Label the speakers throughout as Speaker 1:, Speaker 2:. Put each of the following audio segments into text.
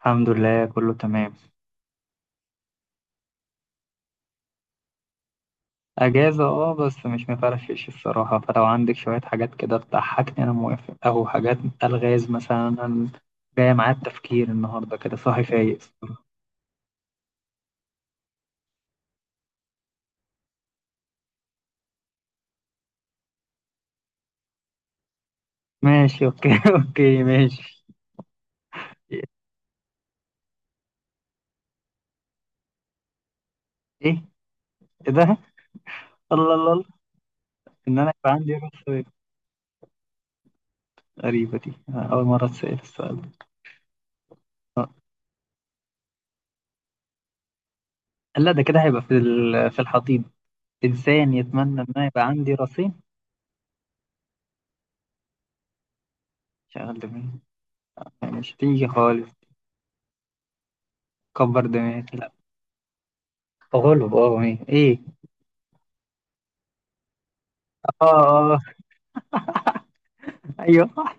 Speaker 1: الحمد لله كله تمام. اجازه اه، بس مش مفرفش الصراحه، فلو عندك شويه حاجات كده تضحكني انا موافق او حاجات الغاز مثلا. أنا جايه معايا التفكير النهارده كده صاحي فايق الصراحة. ماشي اوكي اوكي ماشي. ايه؟ إيه ده؟ الله الله الله. ان انا يبقى عندي رأس؟ غريبه دي، أنا اول مره اتسال السؤال ده. آه. لا ده كده هيبقى في في الحضيض. انسان يتمنى ان انا يبقى عندي راسين؟ شغل دماغي يعني مش هتيجي خالص. كبر دماغي. تغلب اه ايه ايه. اه اه. ايوه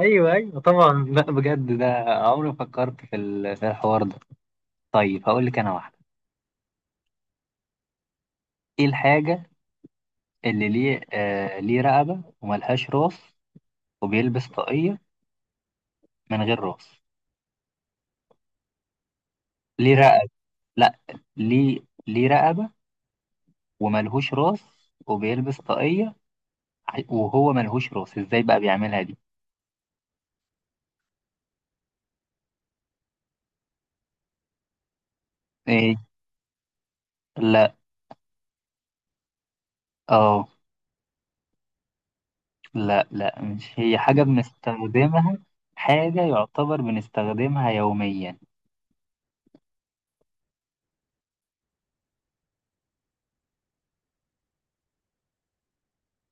Speaker 1: ايوه ايوه طبعا. لا بجد ده عمري ما فكرت في في الحوار ده. طيب هقول لك انا واحده. ايه الحاجه اللي ليه رقبه وملهاش راس وبيلبس طاقيه من غير راس؟ ليه رقبه؟ لا، ليه، ليه رقبه وملهوش راس وبيلبس طاقيه. وهو ملهوش راس ازاي بقى بيعملها دي؟ ايه. لا. اه. لا لا، مش هي حاجة بنستخدمها. حاجة يعتبر بنستخدمها يوميا.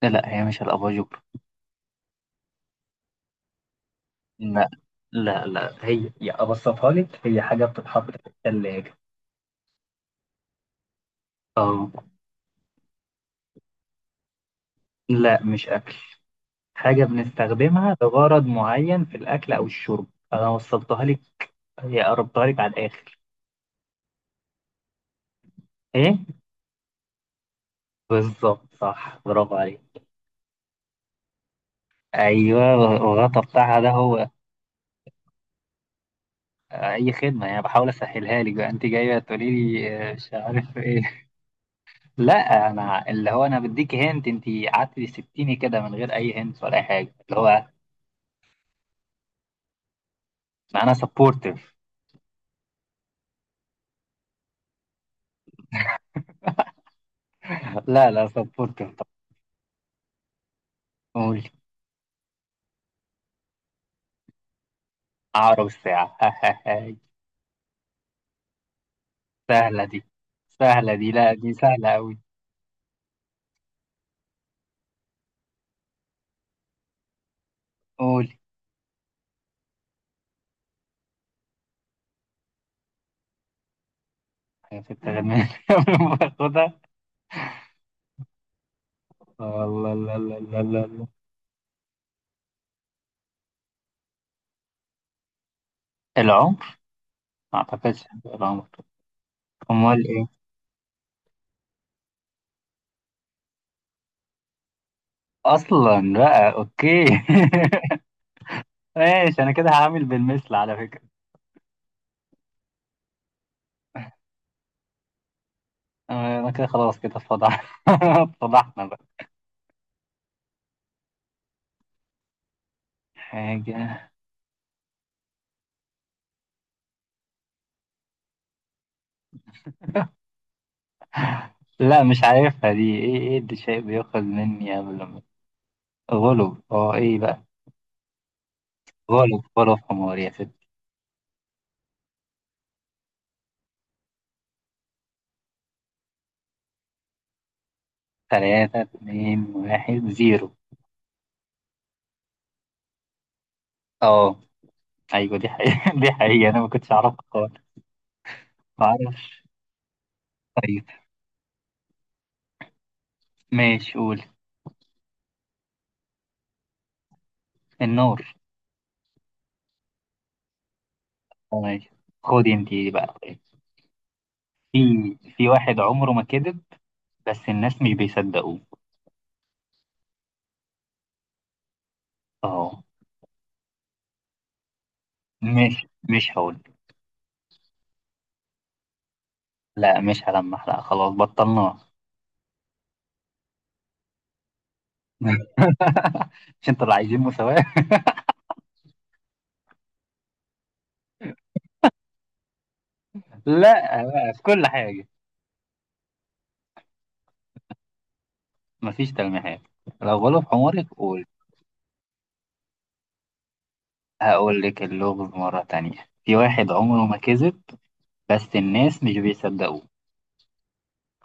Speaker 1: لا لا، هي مش الأباجور. لا لا لا، هي يا أبسطها لك، هي حاجة بتتحط في الثلاجة. اه. لا، مش أكل. حاجة بنستخدمها لغرض معين في الأكل أو الشرب. أنا وصلتها لك، هي قربتها لك على الآخر. إيه؟ بالظبط، صح، برافو عليك. أيوه الغطا بتاعها ده هو. أي خدمة، يعني بحاول أسهلها لك بقى، أنت جاية تقولي لي آه، مش عارف إيه. لا انا اللي هو انا بديك هنت، انت قعدت تسبتيني كده من غير اي هنت ولا اي حاجه اللي هو. ما انا سبورتيف. لا لا سبورتيف. طب قول. عقرب الساعه. سهله دي. سهله دي، لا دي سهله قوي. قول. حاجة في التغنيه قبل ما باخدها؟ الله. لا لا لا لا لا. العمر. ما اعتقدش هيبقى العمر. امال ايه؟ اصلا بقى اوكي. ماشي انا كده هعمل بالمثل على فكره. انا كده خلاص كده اتفضحنا. اتفضحنا بقى. حاجة. لا مش عارفها دي. ايه ايه اللي شيء بيأخذ مني قبل ما؟ غلب. اه ايه بقى. غلب. غلب حمار يا ست. تلاتة اتنين واحد زيرو. اه. ايوه دي حقيقة دي حقيقة انا ما كنتش اعرفها خالص. ما اعرفش. طيب ماشي قول. النار. آه، ماشي. خدي انت دي بقى طيب. في في واحد عمره ما كذب، بس الناس مش بيصدقوه. اه. مش هقول. لا مش هلمح، لا خلاص بطلناه. مش انتوا اللي عايزين مساواة؟ لا بقى في كل حاجة. مفيش تلميحات. لو غلط عمرك قول. هقول لك اللغز مرة تانية. في واحد عمره ما كذب بس الناس مش بيصدقوه.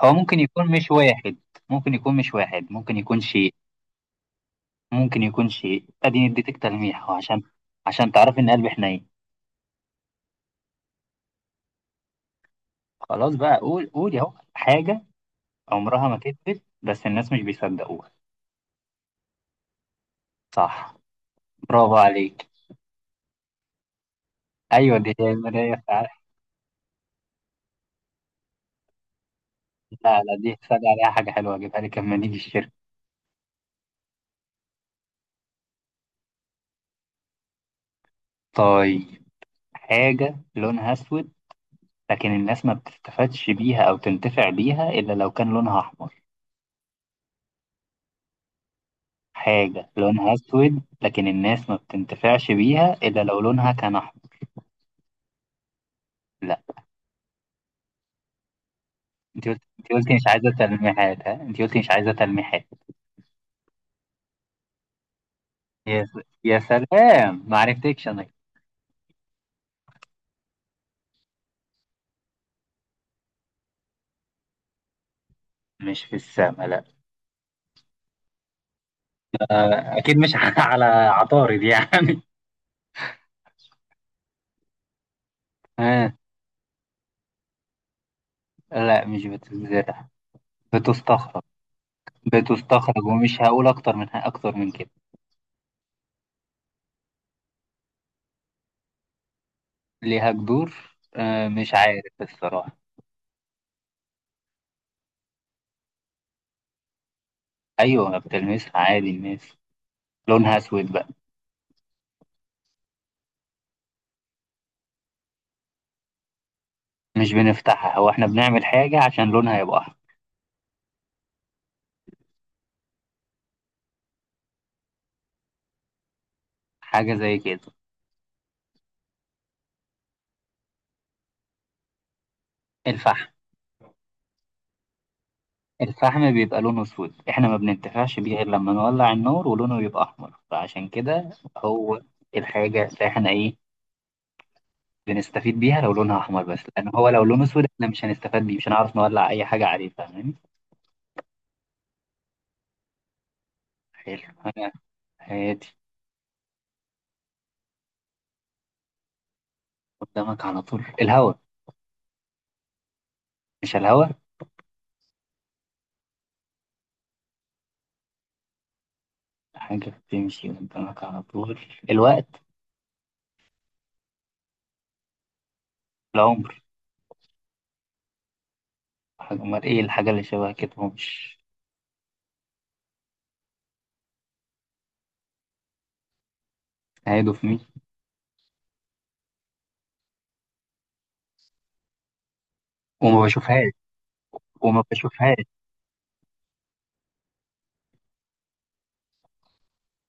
Speaker 1: هو ممكن يكون مش واحد ممكن يكون شيء. اديتك تلميح أهو، عشان عشان تعرفي ان قلبي حنين. خلاص بقى قول. قولي اهو. حاجة عمرها ما كذبت بس الناس مش بيصدقوها. صح، برافو عليك. ايوه دي هي المراية فعلا. لا لا دي صدق، عليها حاجة حلوة اجيبها لك لما نيجي الشركة. طيب، حاجة لونها أسود لكن الناس ما بتستفادش بيها أو تنتفع بيها إلا لو كان لونها أحمر. حاجة لونها أسود لكن الناس ما بتنتفعش بيها إلا لو لونها كان أحمر. لا. أنت قلت، أنت قلتي مش عايزة تلميحات، ها أنت قلتي مش عايزة تلميحات. يا س... يا سلام ما عرفتكش أنا. مش في السما، لا. أكيد مش على عطارد يعني. ها. لا مش بتتزرع، بتستخرج. بتستخرج ومش هقول أكتر من كده. ليها جذور؟ آه مش عارف الصراحة. أيوة بتلمسها عادي الناس. لونها أسود بقى. مش بنفتحها، هو إحنا بنعمل حاجة عشان لونها يبقى أحمر. حاجة زي كده. الفحم. الفحم بيبقى لونه أسود، إحنا ما بننتفعش بيه غير لما نولع النور ولونه يبقى أحمر، فعشان كده هو الحاجة اللي إحنا إيه بنستفيد بيها لو لونها أحمر بس، لأن هو لو لونه أسود إحنا مش هنستفاد بيه، مش هنعرف نولع أي حاجة عليه، فاهماني؟ حلو أنا. هادي. قدامك على طول، الهواء. مش الهواء. حاجة بتمشي قدامك على طول، الوقت. العمر. حاجة، أمال إيه الحاجة اللي شبه كده هو مش؟ هيدو في مين. وما بشوفهاش. وما بشوفهاش.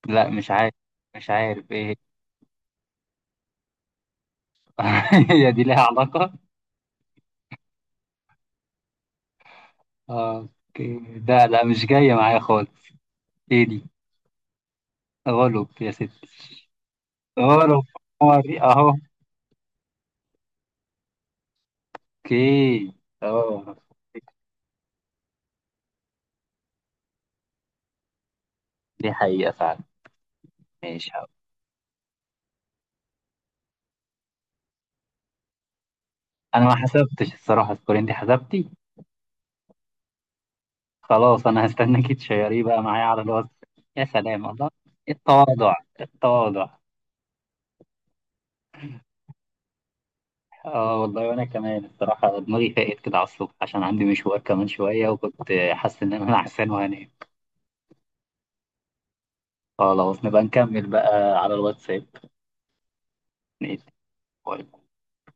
Speaker 1: لا مش عارف. مش عارف إيه. هي دي ليها علاقة؟ آه، أوكي، ده لا مش جاية معايا خالص. إيه دي؟ غلب يا ستي. غلب. قمري أهو. أوكي. أه. دي حقيقة فعلا. ماشي هقول. أنا ما حسبتش الصراحة سكورين دي حسبتي. خلاص انا هستناكي تشيريه بقى معايا على الواتس. يا سلام الله. التواضع. التواضع. اه والله وانا كمان الصراحه دماغي فاقت كده على الصبح، عشان عندي مشوار كمان شويه وكنت حاسس ان انا نعسان وهنام. خلاص نبقى نكمل بقى على الواتساب. نقفل. باي.